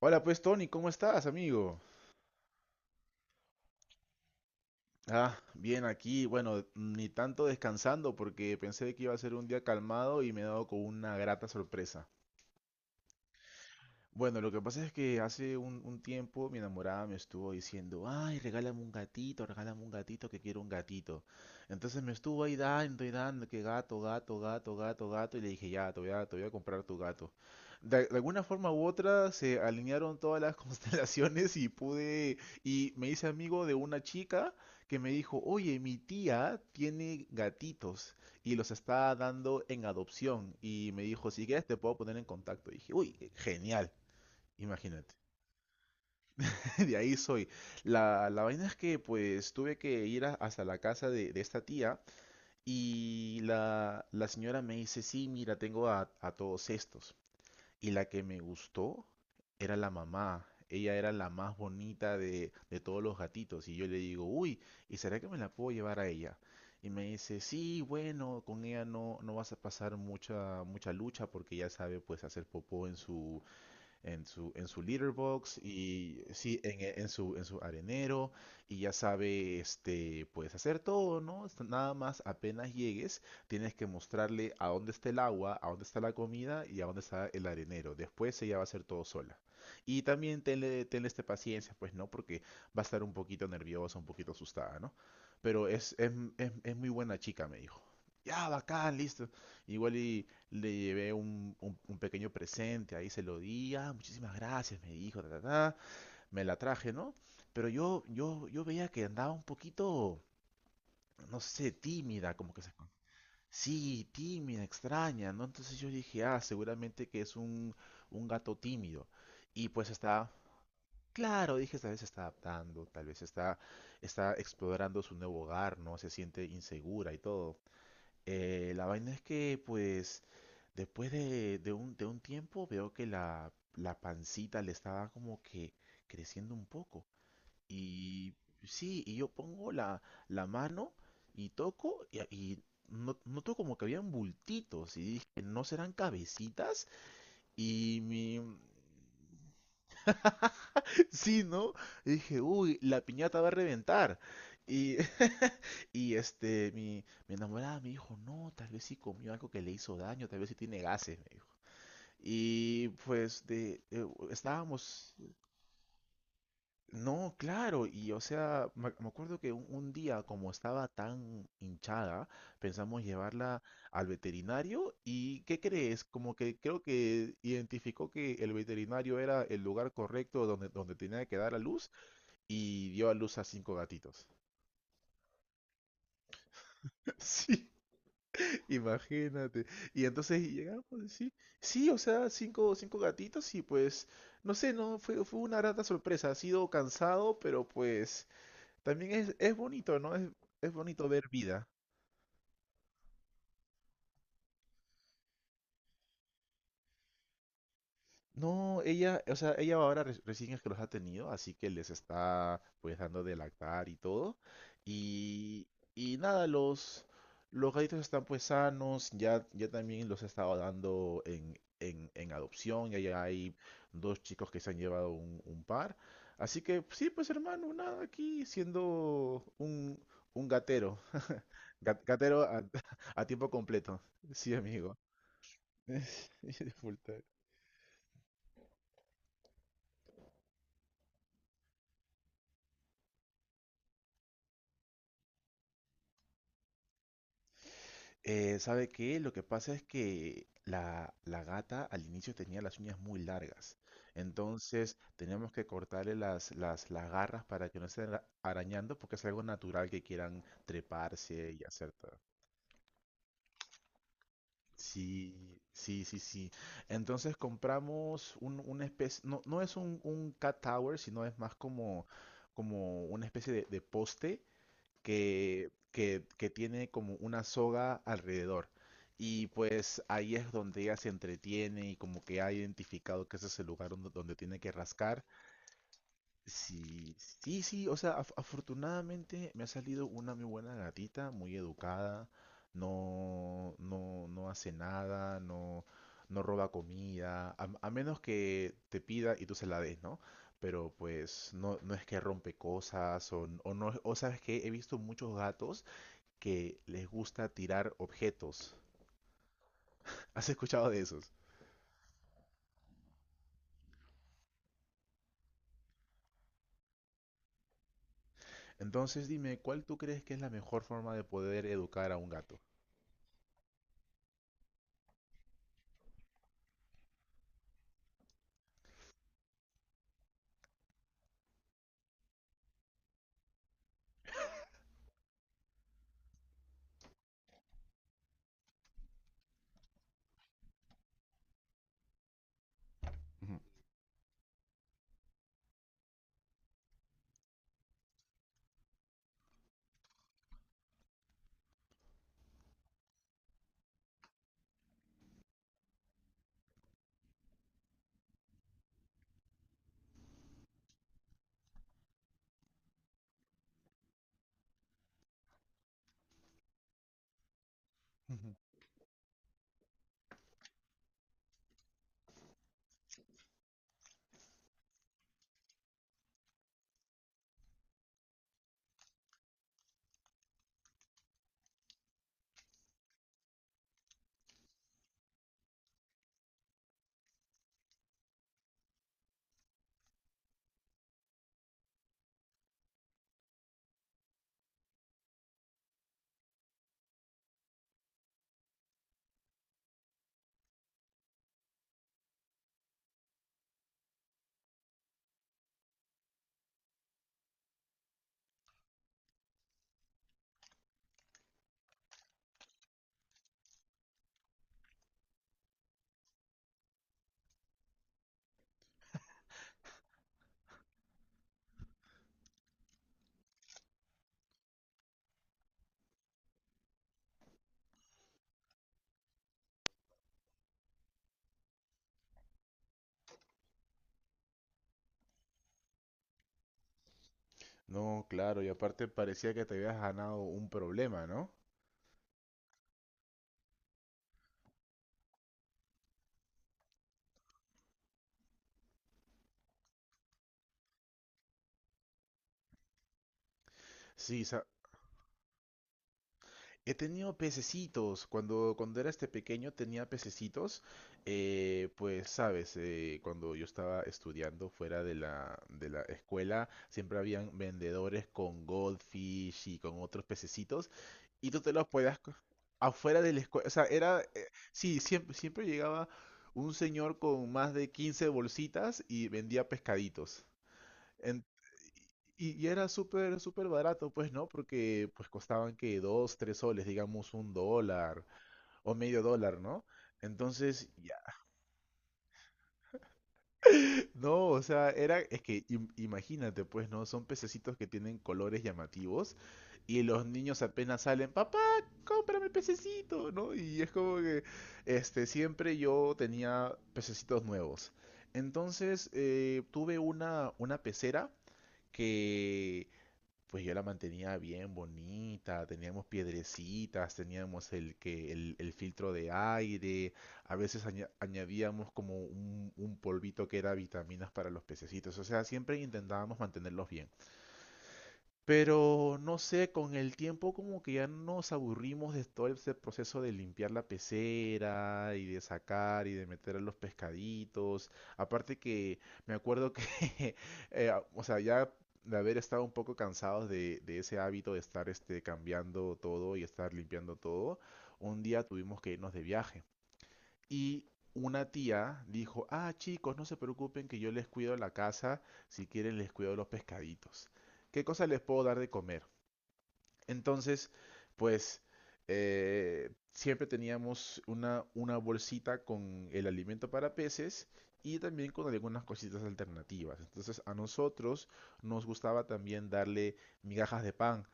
Hola pues Tony, ¿cómo estás, amigo? Ah, bien aquí, bueno, ni tanto descansando porque pensé que iba a ser un día calmado y me he dado con una grata sorpresa. Bueno, lo que pasa es que hace un tiempo mi enamorada me estuvo diciendo, ay, regálame un gatito, que quiero un gatito. Entonces me estuvo ahí dando y dando, que gato, gato, gato, gato, gato, y le dije, ya, te voy a comprar tu gato. De alguna forma u otra se alinearon todas las constelaciones y pude, y me hice amigo de una chica que me dijo, oye, mi tía tiene gatitos y los está dando en adopción. Y me dijo, si quieres te puedo poner en contacto. Y dije, uy, genial. Imagínate, de ahí soy. La vaina es que pues tuve que hasta la casa de esta tía y la señora me dice, sí, mira, tengo a todos estos. Y la que me gustó era la mamá. Ella era la más bonita de todos los gatitos. Y yo le digo, uy, ¿y será que me la puedo llevar a ella? Y me dice, sí, bueno, con ella no, no vas a pasar mucha, mucha lucha porque ella sabe pues hacer popó en su, en su litter box y sí, en su arenero y ya sabe, puedes hacer todo, ¿no? Nada más apenas llegues, tienes que mostrarle a dónde está el agua, a dónde está la comida y a dónde está el arenero. Después ella va a hacer todo sola. Y también tenle paciencia, pues, ¿no? Porque va a estar un poquito nerviosa, un poquito asustada, ¿no? Pero es muy buena chica, me dijo. Ya, bacán, listo. Igual y le llevé un pequeño presente, ahí se lo di, ah, muchísimas gracias, me dijo, ta, ta, ta, me la traje, ¿no? Pero yo veía que andaba un poquito, no sé, tímida, como que se. Sí, tímida, extraña, ¿no? Entonces yo dije, ah, seguramente que es un gato tímido. Y pues está, claro, dije, tal vez se está adaptando, tal vez está explorando su nuevo hogar, ¿no? Se siente insegura y todo. La vaina es que, pues, después de un tiempo veo que la pancita le estaba como que creciendo un poco. Y sí, y yo pongo la mano y toco y noto como que habían bultitos y dije, ¿no serán cabecitas? Y mi, Sí, ¿no? Y dije, uy, la piñata va a reventar. Y, mi enamorada me dijo, no, tal vez sí comió algo que le hizo daño, tal vez sí tiene gases, me dijo. Y pues no, claro, y o sea, me acuerdo que un día, como estaba tan hinchada, pensamos llevarla al veterinario y ¿qué crees? Como que creo que identificó que el veterinario era el lugar correcto donde, donde tenía que dar a luz y dio a luz a cinco gatitos. Sí, imagínate. Y entonces llegamos, sí, sí, o sea, cinco gatitos y pues, no sé, no, fue una grata sorpresa. Ha sido cansado, pero pues también es bonito, ¿no? Es bonito ver vida. No, ella, o sea, ella ahora recién es que los ha tenido, así que les está pues dando de lactar y todo. Y, y nada, los gatitos están pues sanos, ya, ya también los he estado dando en adopción, ya, ya hay dos chicos que se han llevado un par. Así que sí, pues hermano, nada, aquí siendo un gatero, Gatero a, a tiempo completo, sí amigo, full time. ¿Sabe qué? Lo que pasa es que la gata al inicio tenía las uñas muy largas. Entonces tenemos que cortarle las garras para que no estén arañando porque es algo natural que quieran treparse y hacer todo. Sí, sí, sí, sí. Entonces compramos un, una especie, no, no es un cat tower, sino es más como una especie de poste que tiene como una soga alrededor. Y pues ahí es donde ella se entretiene y como que ha identificado que ese es el lugar donde, donde tiene que rascar. Sí, sí, sí, o sea, afortunadamente me ha salido una muy buena gatita, muy educada, no, no, no hace nada, no, no roba comida, a menos que te pida y tú se la des, ¿no? Pero pues no, no es que rompe cosas o, o no, o sabes que he visto muchos gatos que les gusta tirar objetos. ¿Has escuchado de esos? Entonces dime, ¿cuál tú crees que es la mejor forma de poder educar a un gato? No, claro, y aparte parecía que te habías ganado un problema, ¿no? Sí, he tenido pececitos. Cuando era pequeño tenía pececitos. Pues sabes, cuando yo estaba estudiando fuera de la escuela, siempre habían vendedores con goldfish y con otros pececitos. Y tú te los podías, afuera de la escuela. O sea, sí, siempre llegaba un señor con más de 15 bolsitas y vendía pescaditos. En- y era súper, súper barato, pues, ¿no? Porque pues costaban que 2, 3 soles, digamos un dólar o medio dólar, ¿no? Entonces, ya. No, o sea, era, es que imagínate, pues, ¿no? Son pececitos que tienen colores llamativos y los niños apenas salen, papá, cómprame pececito, ¿no? Y es como que, siempre yo tenía pececitos nuevos. Entonces, tuve una pecera que pues yo la mantenía bien bonita, teníamos piedrecitas, teníamos el filtro de aire, a veces añadíamos como un polvito que era vitaminas para los pececitos, o sea, siempre intentábamos mantenerlos bien. Pero no sé, con el tiempo como que ya nos aburrimos de todo ese proceso de limpiar la pecera y de sacar y de meter a los pescaditos. Aparte que me acuerdo que, o sea, ya de haber estado un poco cansados de ese hábito de estar cambiando todo y estar limpiando todo, un día tuvimos que irnos de viaje. Y una tía dijo, ah, chicos, no se preocupen que yo les cuido la casa, si quieren les cuido los pescaditos. ¿Qué cosa les puedo dar de comer? Entonces, pues siempre teníamos una bolsita con el alimento para peces y también con algunas cositas alternativas. Entonces a nosotros nos gustaba también darle migajas de pan,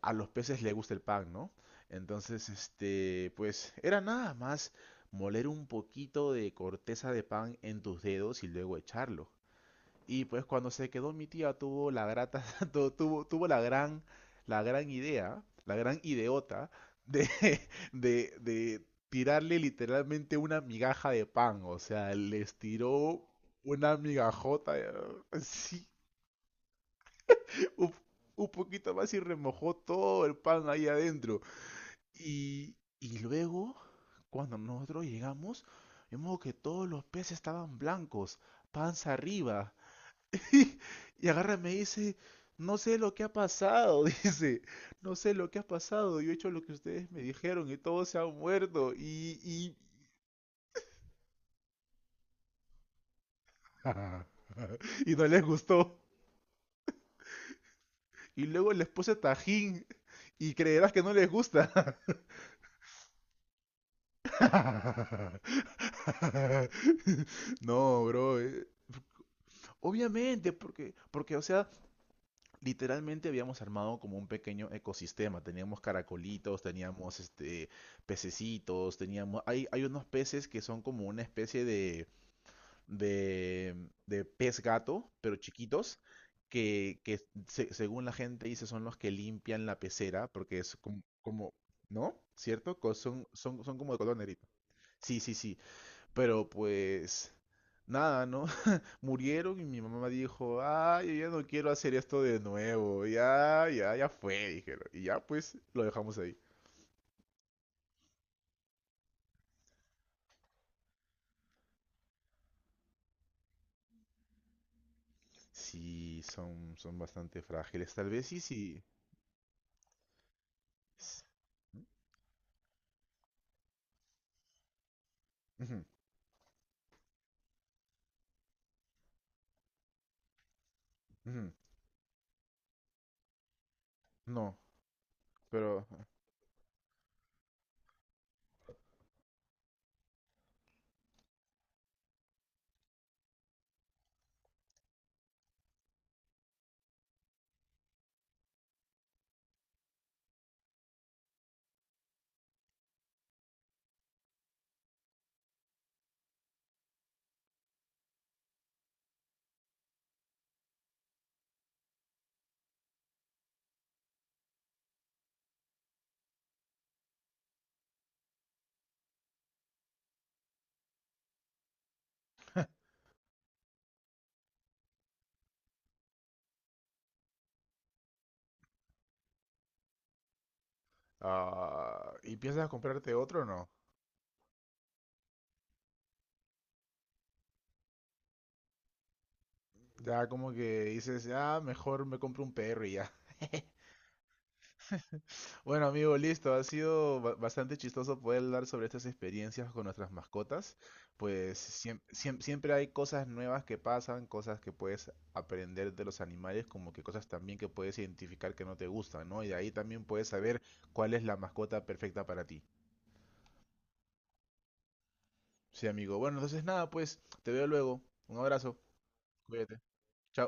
a los peces le gusta el pan, ¿no? Entonces, pues era nada más moler un poquito de corteza de pan en tus dedos y luego echarlo. Y pues cuando se quedó mi tía tuvo la grata, tuvo la gran idea, la gran ideota de, de tirarle literalmente una migaja de pan. O sea, les tiró una migajota, sí, un, un poquito más y remojó todo el pan ahí adentro. Y luego, cuando nosotros llegamos, vimos que todos los peces estaban blancos, panza arriba. Y y agarra y me dice, no sé lo que ha pasado, dice, no sé lo que ha pasado, yo he hecho lo que ustedes me dijeron y todos se han muerto y no les gustó. Y luego les puse tajín y creerás que no les gusta. No, bro. Obviamente, porque, o sea, literalmente habíamos armado como un pequeño ecosistema. Teníamos caracolitos, teníamos pececitos, teníamos hay unos peces que son como una especie de, pez gato, pero chiquitos. Que según la gente dice son los que limpian la pecera, porque es como ¿no? ¿Cierto? Son como de color negrito. Sí, sí, sí. Pero pues nada, ¿no? Murieron y mi mamá dijo, ah, yo ya no quiero hacer esto de nuevo, ya, ya, ya fue, dijeron. Y ya pues lo dejamos ahí. Sí, son bastante frágiles, tal vez sí, sí. s- Ujú, ujú, no, pero. Ah, ¿y piensas comprarte otro o no? Ya como que dices, ah, mejor me compro un perro y ya. Bueno, amigo, listo. Ha sido bastante chistoso poder hablar sobre estas experiencias con nuestras mascotas. Pues siempre hay cosas nuevas que pasan, cosas que puedes aprender de los animales, como que cosas también que puedes identificar que no te gustan, ¿no? Y de ahí también puedes saber cuál es la mascota perfecta para ti. Sí, amigo. Bueno, entonces nada, pues te veo luego. Un abrazo. Cuídate. Chao.